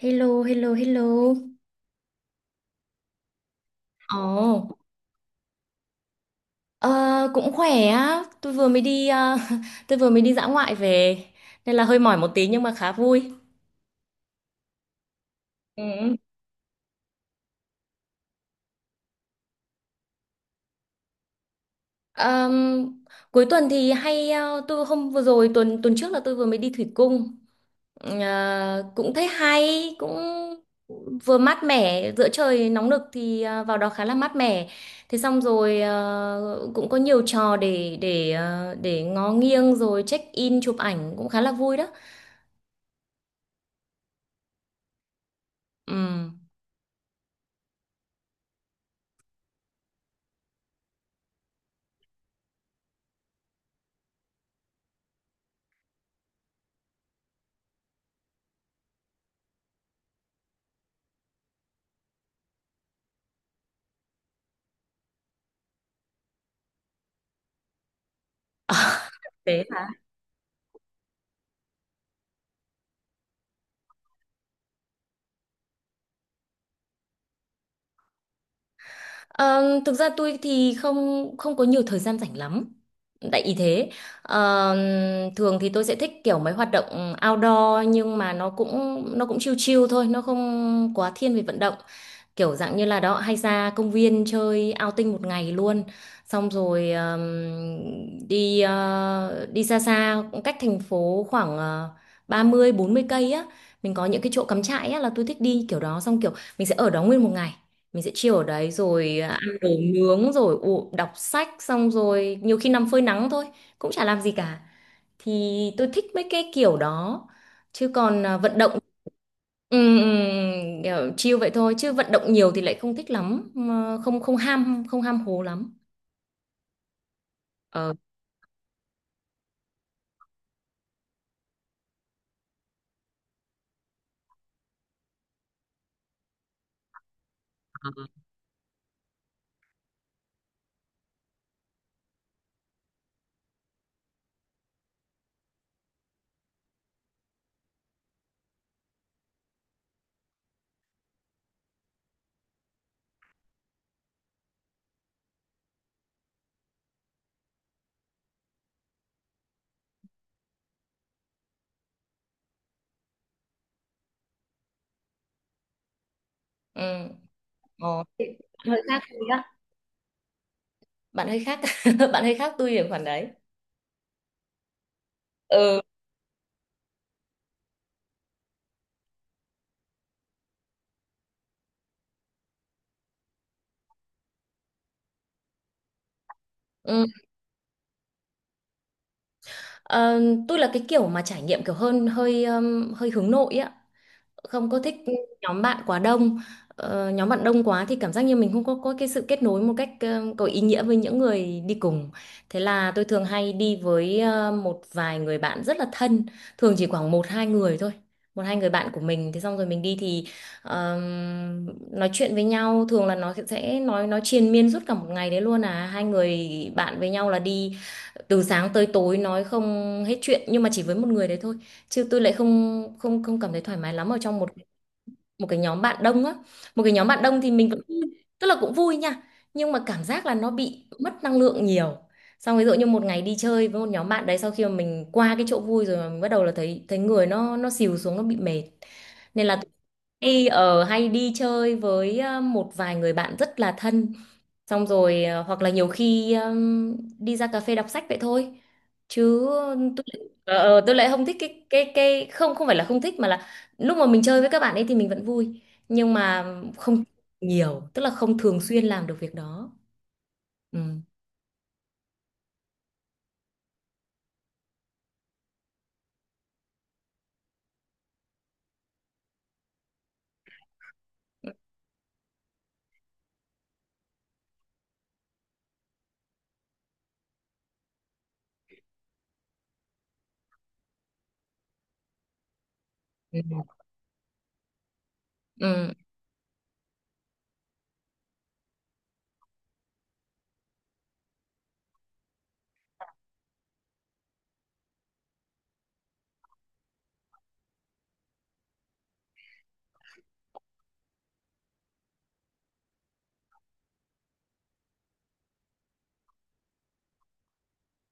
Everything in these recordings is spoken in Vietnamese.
Hello, hello, hello. Ồ, Ờ, cũng khỏe á. Tôi vừa mới đi tôi vừa mới đi dã ngoại về nên là hơi mỏi một tí nhưng mà khá vui. Ừ. Ờm, Cuối tuần thì hay tôi hôm vừa rồi tuần tuần trước là tôi vừa mới đi thủy cung. Ờ, Cũng thấy hay, cũng vừa mát mẻ, giữa trời nóng nực thì vào đó khá là mát mẻ. Thế xong rồi cũng có nhiều trò để ngó nghiêng rồi check in chụp ảnh cũng khá là vui đó. Ừ. Thế hả? Thực ra tôi thì không không có nhiều thời gian rảnh lắm. Tại ý thế, Ờm, thường thì tôi sẽ thích kiểu mấy hoạt động outdoor nhưng mà nó cũng chill chill thôi, nó không quá thiên về vận động. Kiểu dạng như là đó hay ra công viên chơi outing một ngày luôn. Xong rồi đi đi xa xa cách thành phố khoảng 30 40 cây á, mình có những cái chỗ cắm trại á, là tôi thích đi kiểu đó, xong kiểu mình sẽ ở đó nguyên một ngày, mình sẽ chill ở đấy rồi ăn đồ nướng rồi u đọc sách, xong rồi nhiều khi nằm phơi nắng thôi, cũng chả làm gì cả. Thì tôi thích mấy cái kiểu đó, chứ còn à, vận động. Ừ, ừ, kiểu chill vậy thôi chứ vận động nhiều thì lại không thích lắm, mà không không ham hố lắm. Ờ. Ừ. Ờ. Bạn hơi khác tôi á, bạn hơi khác bạn hơi khác tôi ở khoản đấy. Ừ, ừ. Ờ, tôi là cái kiểu mà trải nghiệm kiểu hơn hơi hơi hướng nội á, không có thích nhóm bạn quá đông. Nhóm bạn đông quá thì cảm giác như mình không có cái sự kết nối một cách có ý nghĩa với những người đi cùng. Thế là tôi thường hay đi với một vài người bạn rất là thân, thường chỉ khoảng một hai người thôi, một hai người bạn của mình. Thế xong rồi mình đi thì nói chuyện với nhau, thường là nó sẽ nói triền miên suốt cả một ngày đấy luôn à, hai người bạn với nhau là đi từ sáng tới tối nói không hết chuyện, nhưng mà chỉ với một người đấy thôi. Chứ tôi lại không không không cảm thấy thoải mái lắm ở trong một một cái nhóm bạn đông á. Một cái nhóm bạn đông thì mình vẫn, tức là cũng vui nha, nhưng mà cảm giác là nó bị mất năng lượng nhiều. Xong ví dụ như một ngày đi chơi với một nhóm bạn đấy, sau khi mà mình qua cái chỗ vui rồi mà mình bắt đầu là thấy thấy người nó xìu xuống, nó bị mệt. Nên là hay ở hay đi chơi với một vài người bạn rất là thân, xong rồi hoặc là nhiều khi đi ra cà phê đọc sách vậy thôi. Chứ tôi lại- tôi lại không thích cái không không phải là không thích mà là lúc mà mình chơi với các bạn ấy thì mình vẫn vui, nhưng mà không nhiều, tức là không thường xuyên làm được việc đó. Ừ. Ừ. Ừ,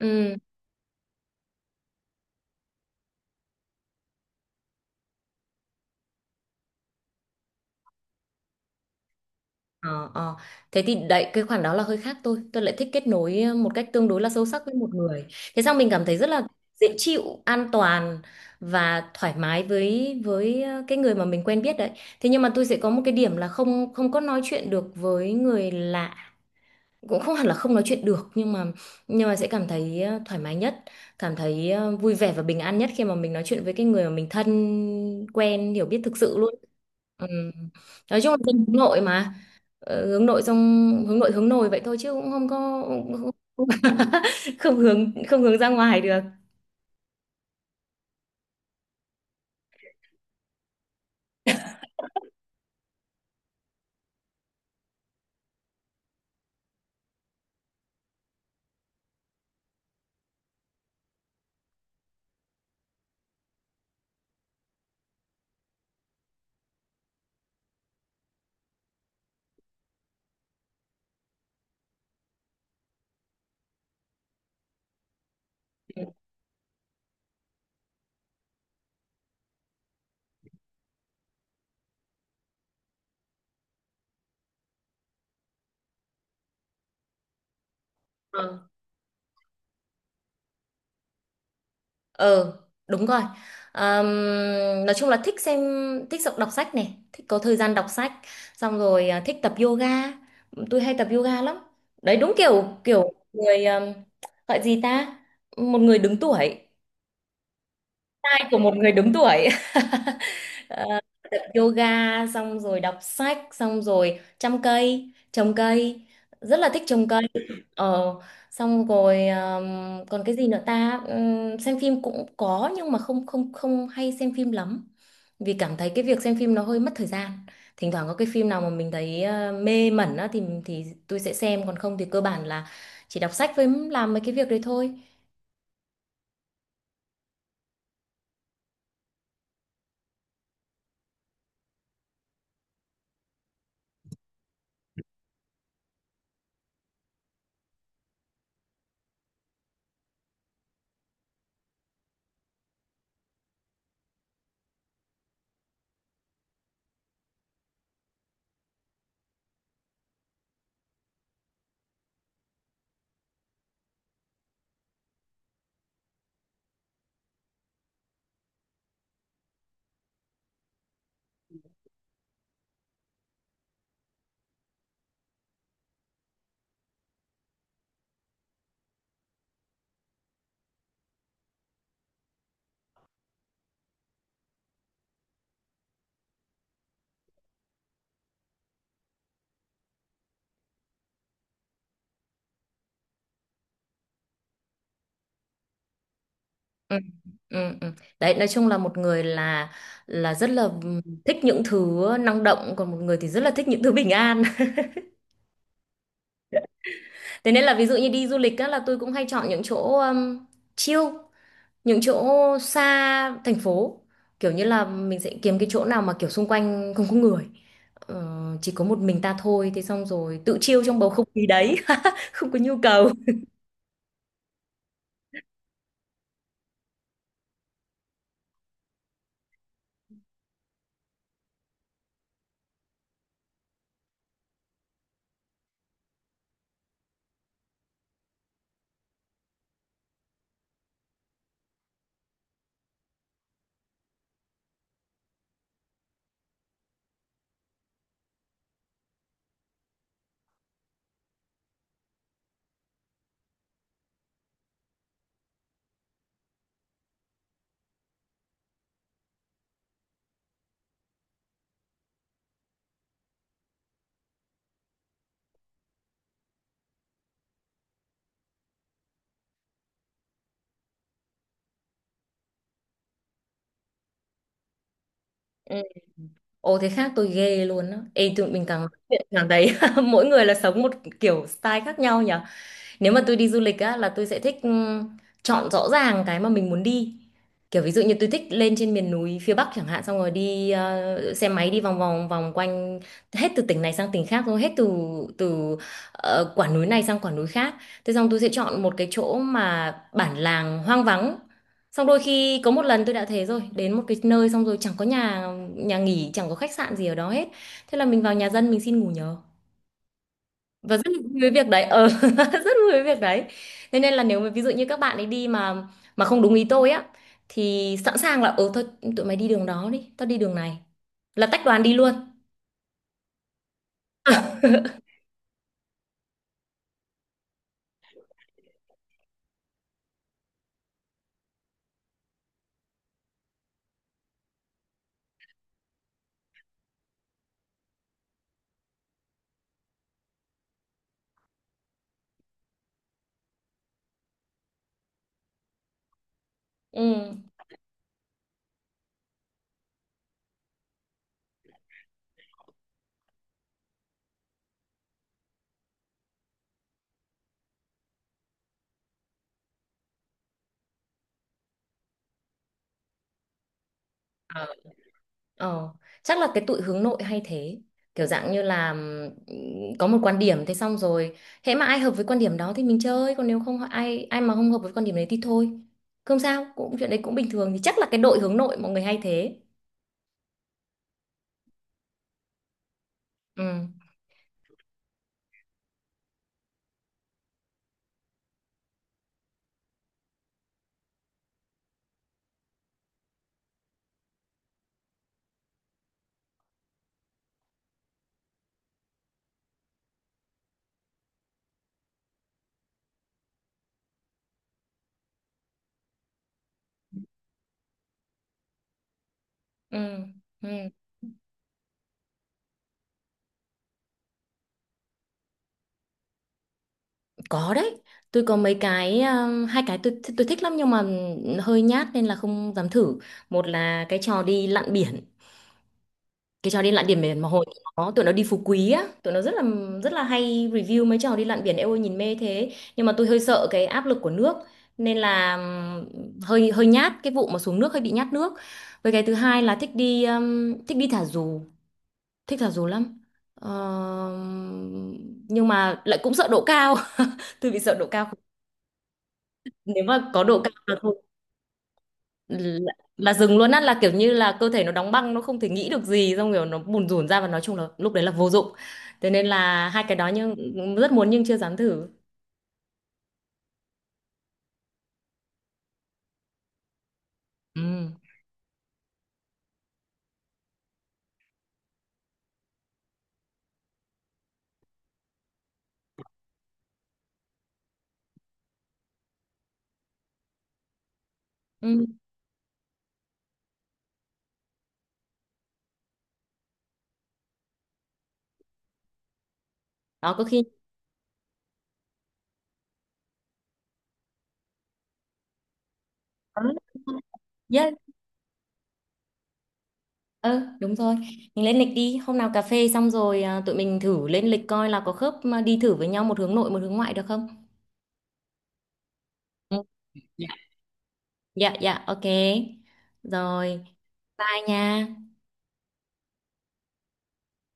ừ. Ờ, ờ. Thế thì đấy, cái khoản đó là hơi khác tôi. Tôi lại thích kết nối một cách tương đối là sâu sắc với một người, thế sao mình cảm thấy rất là dễ chịu, an toàn và thoải mái với cái người mà mình quen biết đấy. Thế nhưng mà tôi sẽ có một cái điểm là không không có nói chuyện được với người lạ, cũng không hẳn là không nói chuyện được, nhưng mà sẽ cảm thấy thoải mái nhất, cảm thấy vui vẻ và bình an nhất khi mà mình nói chuyện với cái người mà mình thân quen hiểu biết thực sự luôn. Ừ. Nói chung là dân hướng nội mà. Hướng nội xong hướng nội hướng nồi vậy thôi chứ cũng không có không hướng ra ngoài được. Ờ. Ờ đúng rồi. Ờm, nói chung là thích xem, thích đọc đọc sách này, thích có thời gian đọc sách, xong rồi à, thích tập yoga, tôi hay tập yoga lắm. Đấy đúng kiểu kiểu người gọi gì ta, một người đứng tuổi, tai của một người đứng tuổi Ờ, tập yoga xong rồi đọc sách xong rồi chăm cây trồng cây, rất là thích trồng cây. ờ xong rồi còn cái gì nữa ta? Xem phim cũng có nhưng mà không không không hay xem phim lắm, vì cảm thấy cái việc xem phim nó hơi mất thời gian. Thỉnh thoảng có cái phim nào mà mình thấy mê mẩn á thì tôi sẽ xem, còn không thì cơ bản là chỉ đọc sách với làm mấy cái việc đấy thôi. Ừ, ừ, ừ. Đấy, nói chung là một người là rất là thích những thứ năng động, còn một người thì rất là thích những thứ bình an thế nên là ví dụ như đi du lịch á, là tôi cũng hay chọn những chỗ chill, những chỗ xa thành phố, kiểu như là mình sẽ kiếm cái chỗ nào mà kiểu xung quanh không có người. Ờ, chỉ có một mình ta thôi, thế xong rồi tự chill trong bầu không khí đấy không có nhu cầu. Ừ. Ồ, thế khác tôi ghê luôn á. Ê, tụi mình càng nói chuyện càng thấy mỗi người là sống một kiểu style khác nhau nhỉ. Nếu mà tôi đi du lịch á là tôi sẽ thích chọn rõ ràng cái mà mình muốn đi, kiểu ví dụ như tôi thích lên trên miền núi phía Bắc chẳng hạn, xong rồi đi xe máy đi vòng vòng vòng quanh hết từ tỉnh này sang tỉnh khác, rồi hết từ từ quả núi này sang quả núi khác. Thế xong tôi sẽ chọn một cái chỗ mà bản làng hoang vắng, xong đôi khi có một lần tôi đã thế, rồi đến một cái nơi xong rồi chẳng có nhà nhà nghỉ, chẳng có khách sạn gì ở đó hết. Thế là mình vào nhà dân mình xin ngủ nhờ và rất vui với việc đấy. Ờ rất vui với việc đấy. Thế nên là nếu mà ví dụ như các bạn ấy đi mà không đúng ý tôi á thì sẵn sàng là ừ thôi, tụi mày đi đường đó đi, tao đi đường này, là tách đoàn đi luôn. Ừ. Ờ, ờ. Chắc là cái tụi hướng nội hay thế, kiểu dạng như là có một quan điểm, thế xong rồi hễ mà ai hợp với quan điểm đó thì mình chơi, còn nếu không, ai ai mà không hợp với quan điểm đấy thì thôi, không sao, cũng chuyện đấy cũng bình thường. Thì chắc là cái đội hướng nội mọi người hay thế. Ừ. Ừ. Ừ. Có đấy, tôi có mấy cái hai cái tôi thích lắm nhưng mà hơi nhát nên là không dám thử. Một là cái trò đi lặn biển. Cái trò đi lặn biển biển mà hồi tụi nó đi Phú Quý á, tụi nó rất là hay review mấy trò đi lặn biển. Eo ơi nhìn mê thế, nhưng mà tôi hơi sợ cái áp lực của nước, nên là hơi hơi nhát cái vụ mà xuống nước, hơi bị nhát nước. Với cái thứ hai là thích đi thả dù, thích thả dù lắm. Ờ, nhưng mà lại cũng sợ độ cao, tôi bị sợ độ cao. Nếu mà có độ cao là thôi, là dừng luôn á, là kiểu như là cơ thể nó đóng băng, nó không thể nghĩ được gì, xong kiểu nó bùn rủn ra, và nói chung là lúc đấy là vô dụng. Thế nên là hai cái đó, nhưng rất muốn, nhưng chưa dám thử. Ừ. Ừ. Đó có khi. Yes. Ờ đúng rồi, mình lên lịch đi. Hôm nào cà phê xong rồi à, tụi mình thử lên lịch coi là có khớp mà đi thử với nhau, một hướng nội một hướng ngoại được không? Ừ. Dạ. Dạ, dạ, ok. Rồi. Bye nha.